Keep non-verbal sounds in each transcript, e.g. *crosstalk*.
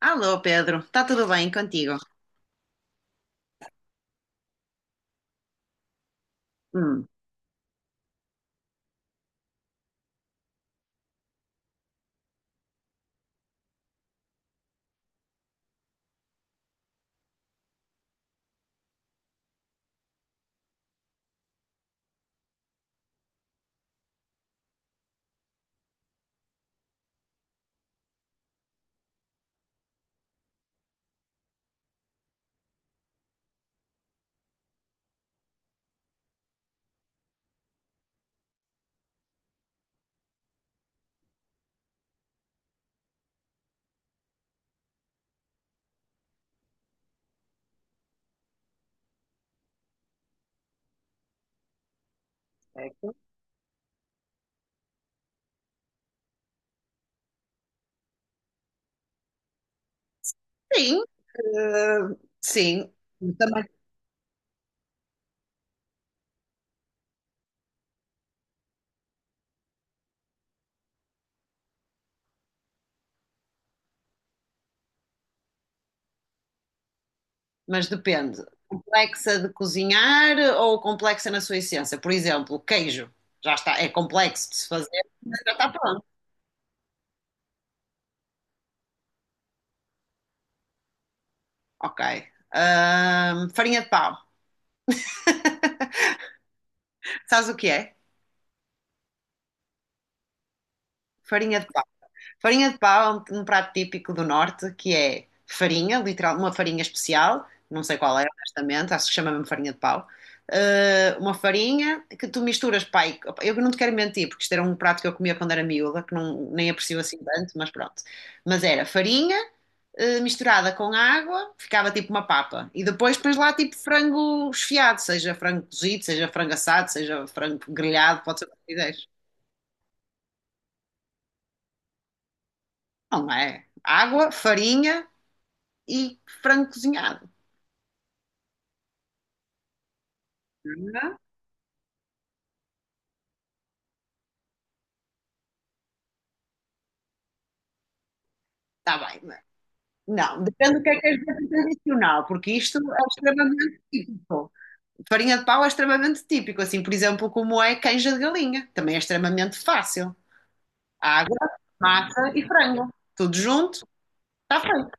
Alô, Pedro, está tudo bem contigo? Hum. Certo? Sim, sim, também, mas depende. Complexa de cozinhar ou complexa na sua essência? Por exemplo, queijo, já está, é complexo de se fazer, mas já está pronto. Ok. Farinha de pau, sabes o que é? Farinha de Farinha de pau é um prato típico do norte que é farinha, literal, uma farinha especial, não sei qual é, honestamente, acho que chama mesmo farinha de pau. Uma farinha que tu misturas, pai. Eu não te quero mentir, porque isto era um prato que eu comia quando era miúda, que não, nem aprecio assim tanto, mas pronto. Mas era farinha, misturada com água, ficava tipo uma papa. E depois pões lá tipo frango esfiado, seja frango cozido, seja frango assado, seja frango grelhado, pode ser o que quiseres. Não é? Água, farinha, e frango cozinhado. Uhum. Está bem, mas não, depende do que é tradicional, porque isto é extremamente típico. Farinha de pau é extremamente típico, assim, por exemplo, como é canja de galinha, também é extremamente fácil. Água, massa e frango, tudo junto, está feito.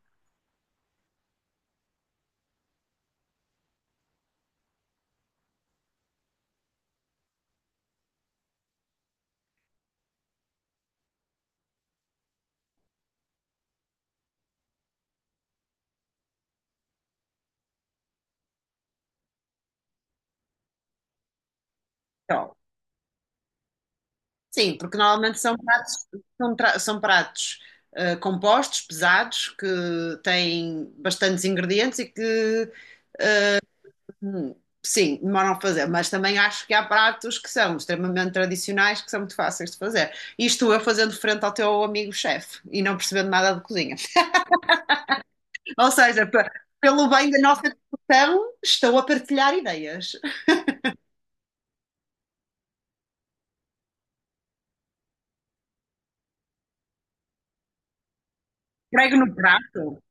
Então, sim, porque normalmente são pratos, são, são pratos compostos, pesados, que têm bastantes ingredientes e que... Hum. Sim, demoram a fazer, mas também acho que há pratos que são extremamente tradicionais, que são muito fáceis de fazer. Isto eu fazendo frente ao teu amigo chefe e não percebendo nada de cozinha. Ou seja, pelo bem da nossa discussão, estou a partilhar ideias. Prego no prato?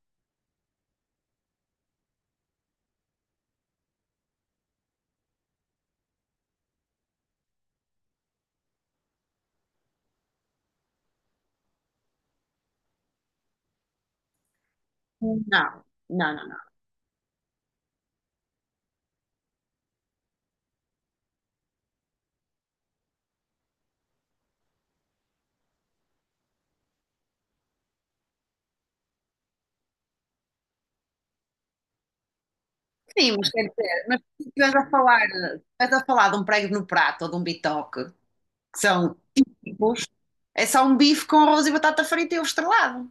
Não, não, não, não. Sim, mas quer dizer, mas se estiveres a falar, se estiveres a falar de um prego no prato ou de um bitoque, que são tipos, é só um bife com arroz e batata frita e ovo estrelado.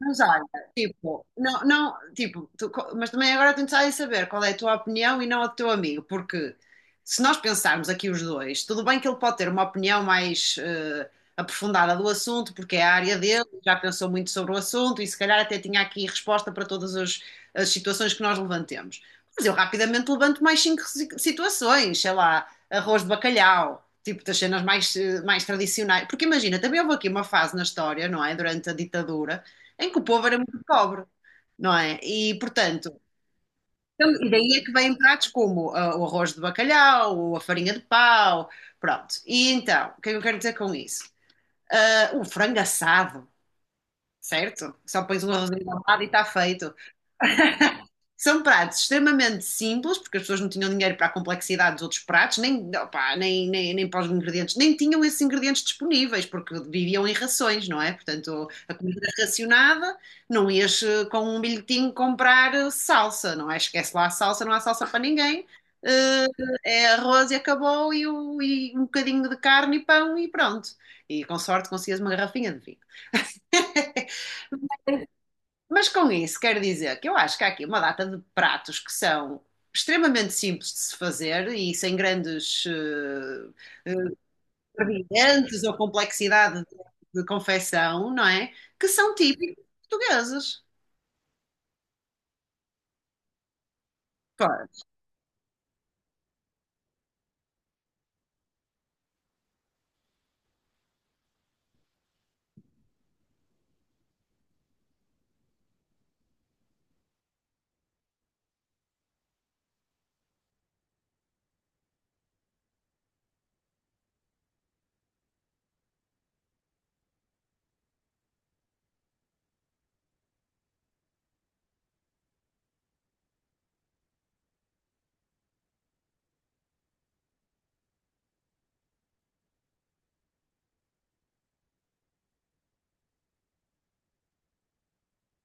Mas olha, tipo, não, não, tipo, mas também agora tenho de saber qual é a tua opinião e não a do teu amigo, porque se nós pensarmos aqui os dois, tudo bem que ele pode ter uma opinião mais aprofundada do assunto, porque é a área dele, já pensou muito sobre o assunto e se calhar até tinha aqui resposta para todas as, as situações que nós levantemos. Mas eu rapidamente levanto mais cinco situações, sei lá, arroz de bacalhau. Tipo, das cenas mais, mais tradicionais. Porque imagina, também houve aqui uma fase na história, não é? Durante a ditadura, em que o povo era muito pobre, não é? E, portanto, então, e daí é que vêm pratos como ah, o arroz de bacalhau, ou a farinha de pau, pronto. E então, o que é que eu quero dizer com isso? Ah, o frango assado, certo? Só pões um arrozinho ao lado e está feito. São pratos extremamente simples, porque as pessoas não tinham dinheiro para a complexidade dos outros pratos, nem, opá, nem, nem, nem para os ingredientes, nem tinham esses ingredientes disponíveis, porque viviam em rações, não é? Portanto, a comida era racionada, não ias com um bilhetinho comprar salsa, não é? Esquece lá a salsa, não há salsa para ninguém, eh, é arroz e acabou, e, e um bocadinho de carne e pão e pronto. E com sorte conseguias uma garrafinha de vinho. *laughs* Mas com isso quero dizer que eu acho que há aqui uma data de pratos que são extremamente simples de se fazer e sem grandes ingredientes ou complexidade de confecção, não é? Que são típicos portugueses. Pá.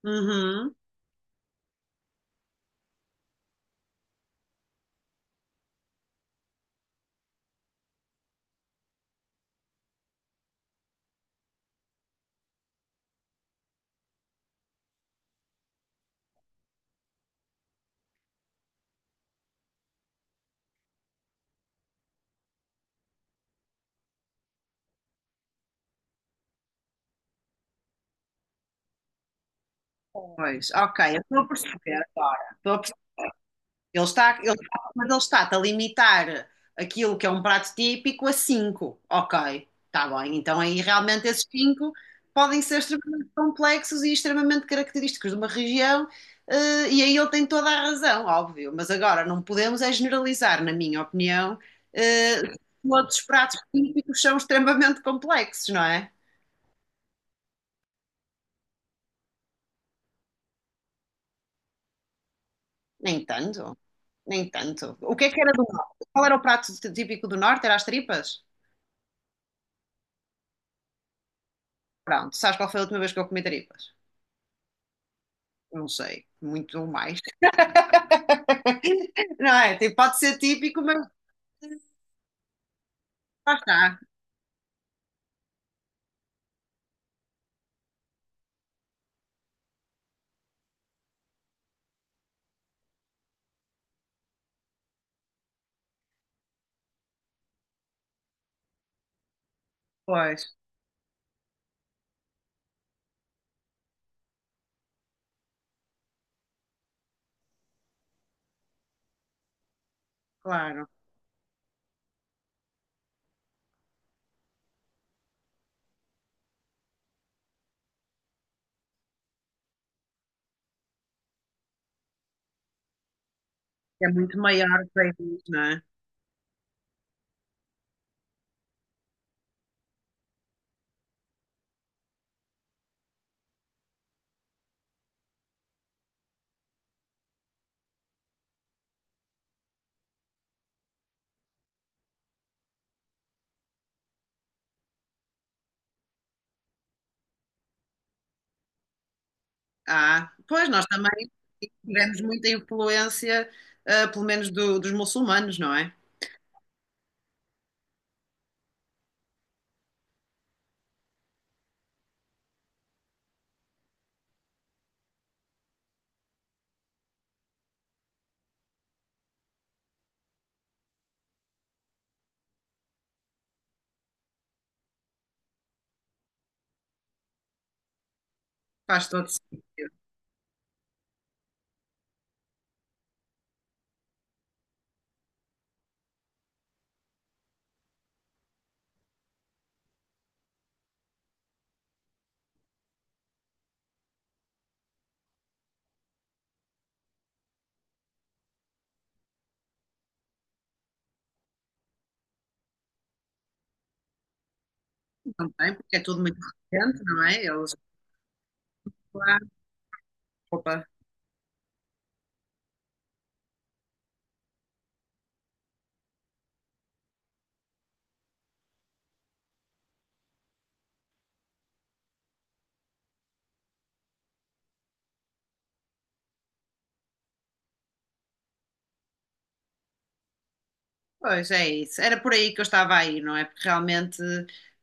Uhum. Pois, ok, eu estou a perceber agora. Estou a... Ele está, mas ele está-te a limitar aquilo que é um prato típico a cinco. Ok, está bem. Então aí realmente esses 5 podem ser extremamente complexos e extremamente característicos de uma região, e aí ele tem toda a razão, óbvio. Mas agora não podemos é generalizar, na minha opinião, eh, outros pratos típicos são extremamente complexos, não é? Nem tanto, nem tanto. O que é que era do norte? Qual era o prato típico do norte? Era as tripas? Pronto, sabes qual foi a última vez que eu comi tripas? Não sei, muito mais. *laughs* Não é? Tipo, pode ser típico, mas lá está. Pois, claro. É muito maior o país, não é? Ah, pois, nós também tivemos muita influência, ah, pelo menos dos muçulmanos, não é? Faz todo sentido também, porque é tudo muito recente, não é? Eles, claro. Pois é isso. Era por aí que eu estava aí, não é? Porque realmente,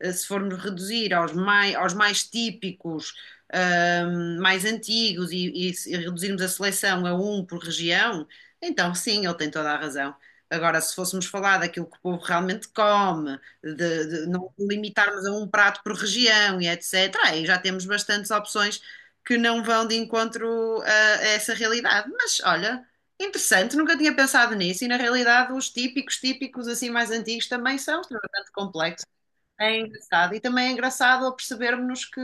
se formos reduzir aos mais típicos, mais antigos e se reduzirmos a seleção a um por região, então sim, ele tem toda a razão. Agora, se fôssemos falar daquilo que o povo realmente come, de não limitarmos a um prato por região e etc., aí já temos bastantes opções que não vão de encontro a essa realidade. Mas olha, interessante, nunca tinha pensado nisso e na realidade os típicos, típicos assim mais antigos também são extremamente complexos. É engraçado e também é engraçado percebermos que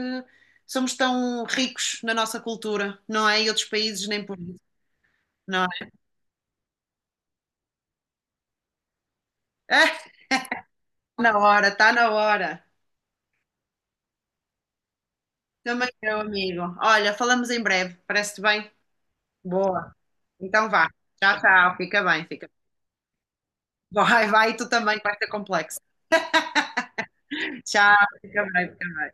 somos tão ricos na nossa cultura, não é? E outros países nem por isso, não é? *laughs* Ah, tá na hora, está na hora. Também meu amigo. Olha, falamos em breve, parece-te bem? Boa. Então vá. Tchau, tchau. Fica bem, fica bem. Vai, vai, e tu também, que vai ser complexo. Tchau, fica bem, fica bem.